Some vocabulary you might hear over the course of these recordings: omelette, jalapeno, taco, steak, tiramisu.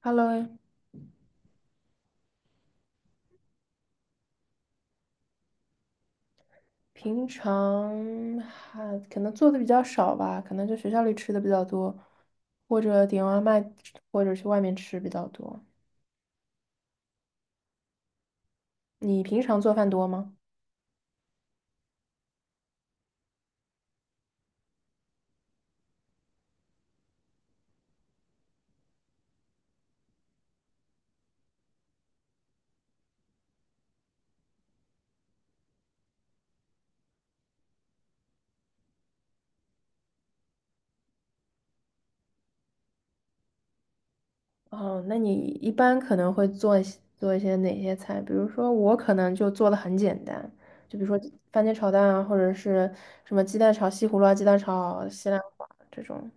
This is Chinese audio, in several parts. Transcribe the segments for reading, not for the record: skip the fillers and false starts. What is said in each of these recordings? Hello，平常可能做的比较少吧，可能就学校里吃的比较多，或者点外卖，或者去外面吃比较多。你平常做饭多吗？哦，那你一般可能会做一些哪些菜？比如说我可能就做的很简单，就比如说番茄炒蛋啊，或者是什么鸡蛋炒西葫芦啊、鸡蛋炒西兰花这种。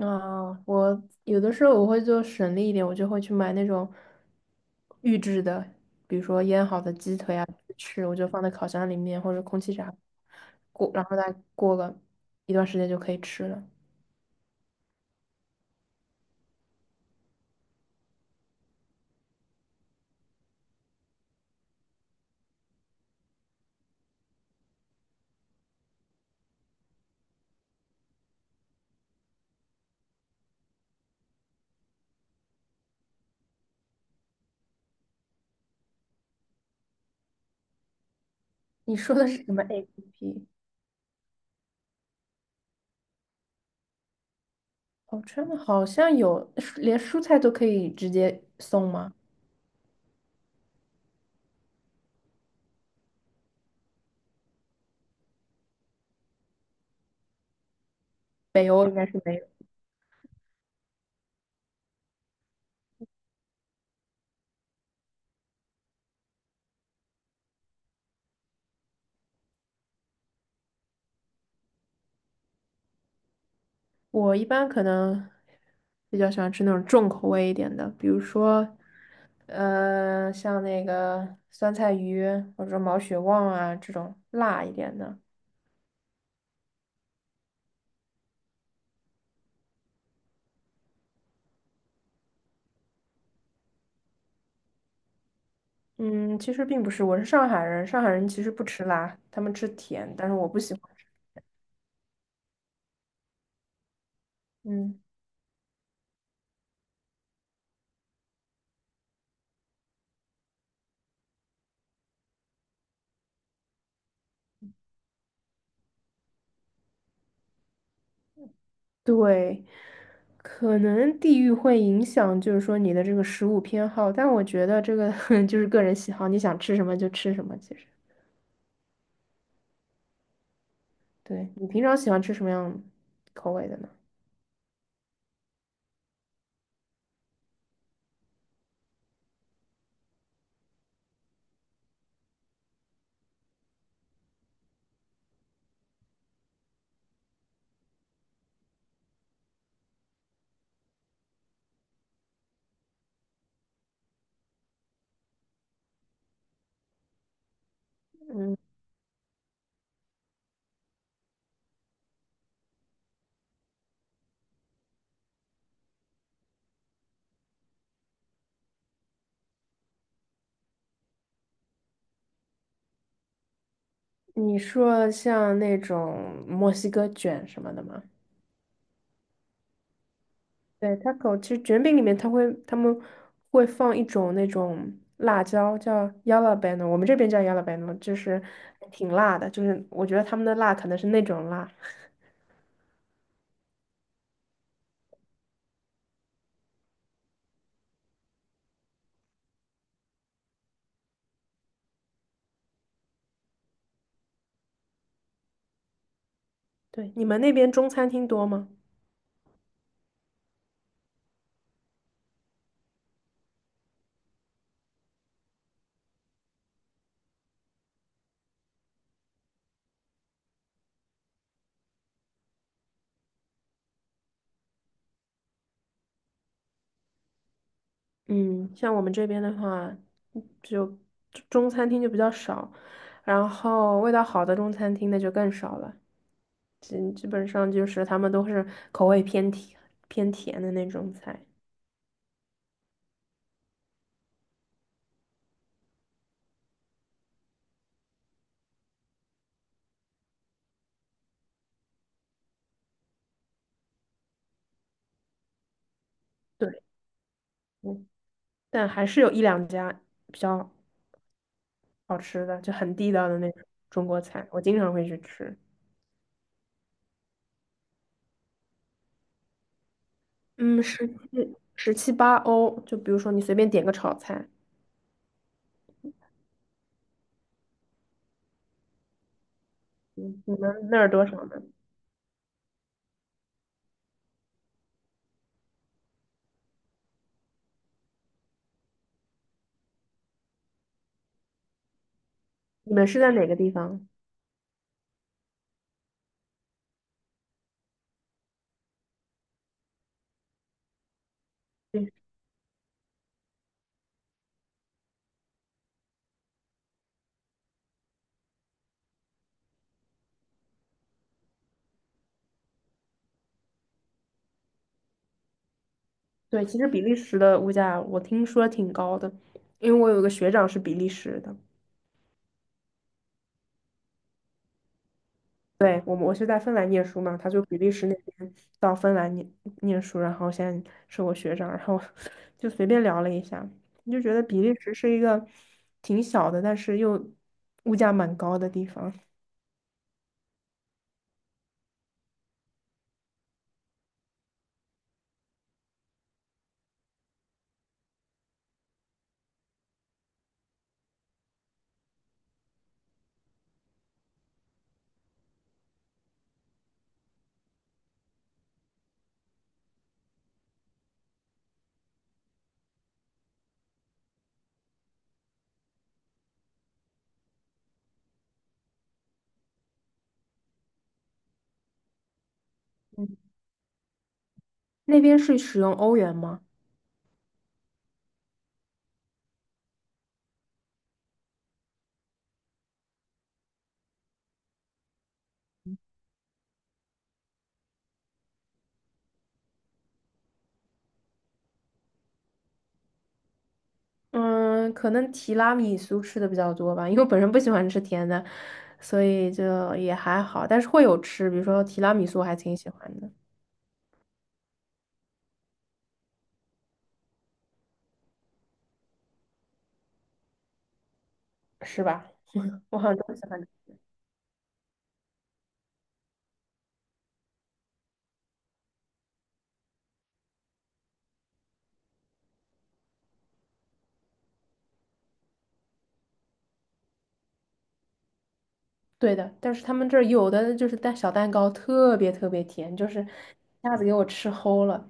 我有的时候我会做省力一点，我就会去买那种预制的，比如说腌好的鸡腿啊，吃，我就放在烤箱里面或者空气炸锅，过然后再过个一段时间就可以吃了。你说的是什么 APP？哦，好的好像有，连蔬菜都可以直接送吗？北欧应该是没有。我一般可能比较喜欢吃那种重口味一点的，比如说，像那个酸菜鱼或者说毛血旺啊这种辣一点的。嗯，其实并不是，我是上海人，上海人其实不吃辣，他们吃甜，但是我不喜欢吃。嗯，对，可能地域会影响，就是说你的这个食物偏好，但我觉得这个 就是个人喜好，你想吃什么就吃什么，其实。对，你平常喜欢吃什么样口味的呢？嗯。你说像那种墨西哥卷什么的吗？对，taco 其实卷饼里面他们会放一种那种辣椒叫 jalapeno，我们这边叫 jalapeno，就是挺辣的，就是我觉得他们的辣可能是那种辣。对，你们那边中餐厅多吗？嗯，像我们这边的话，就中餐厅就比较少，然后味道好的中餐厅那就更少了，基本上就是他们都是口味偏甜的那种菜。对，嗯，但还是有一两家比较好吃的，就很地道的那种中国菜，我经常会去吃。嗯，十七八欧，就比如说你随便点个炒菜，嗯，你们那儿多少呢？你们是在哪个地方？对，对，其实比利时的物价我听说挺高的，因为我有个学长是比利时的。对，我是在芬兰念书嘛，他就比利时那边到芬兰念书，然后现在是我学长，然后 就随便聊了一下，你就觉得比利时是一个挺小的，但是又物价蛮高的地方。那边是使用欧元吗？嗯，可能提拉米苏吃的比较多吧，因为我本身不喜欢吃甜的，所以就也还好，但是会有吃，比如说提拉米苏我还挺喜欢的。是吧？我好像都喜欢对的，但是他们这儿有的就是蛋小蛋糕特别特别甜，就是一下子给我吃齁了。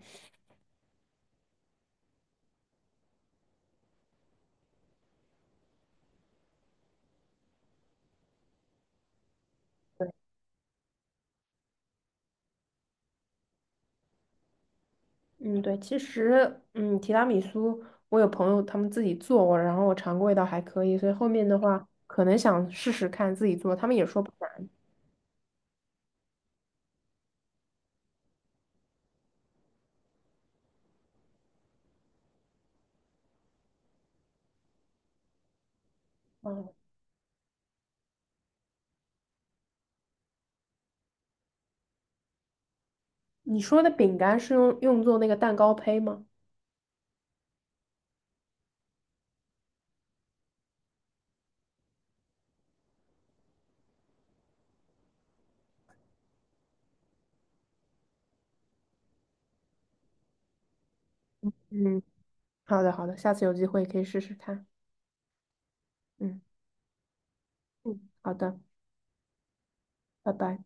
对，嗯，对，其实提拉米苏我有朋友他们自己做过，然后我尝过，味道还可以，所以后面的话可能想试试看自己做，他们也说不难。嗯，你说的饼干是用做那个蛋糕胚吗？嗯，好的好的，下次有机会可以试试看。嗯，嗯，好的，拜拜。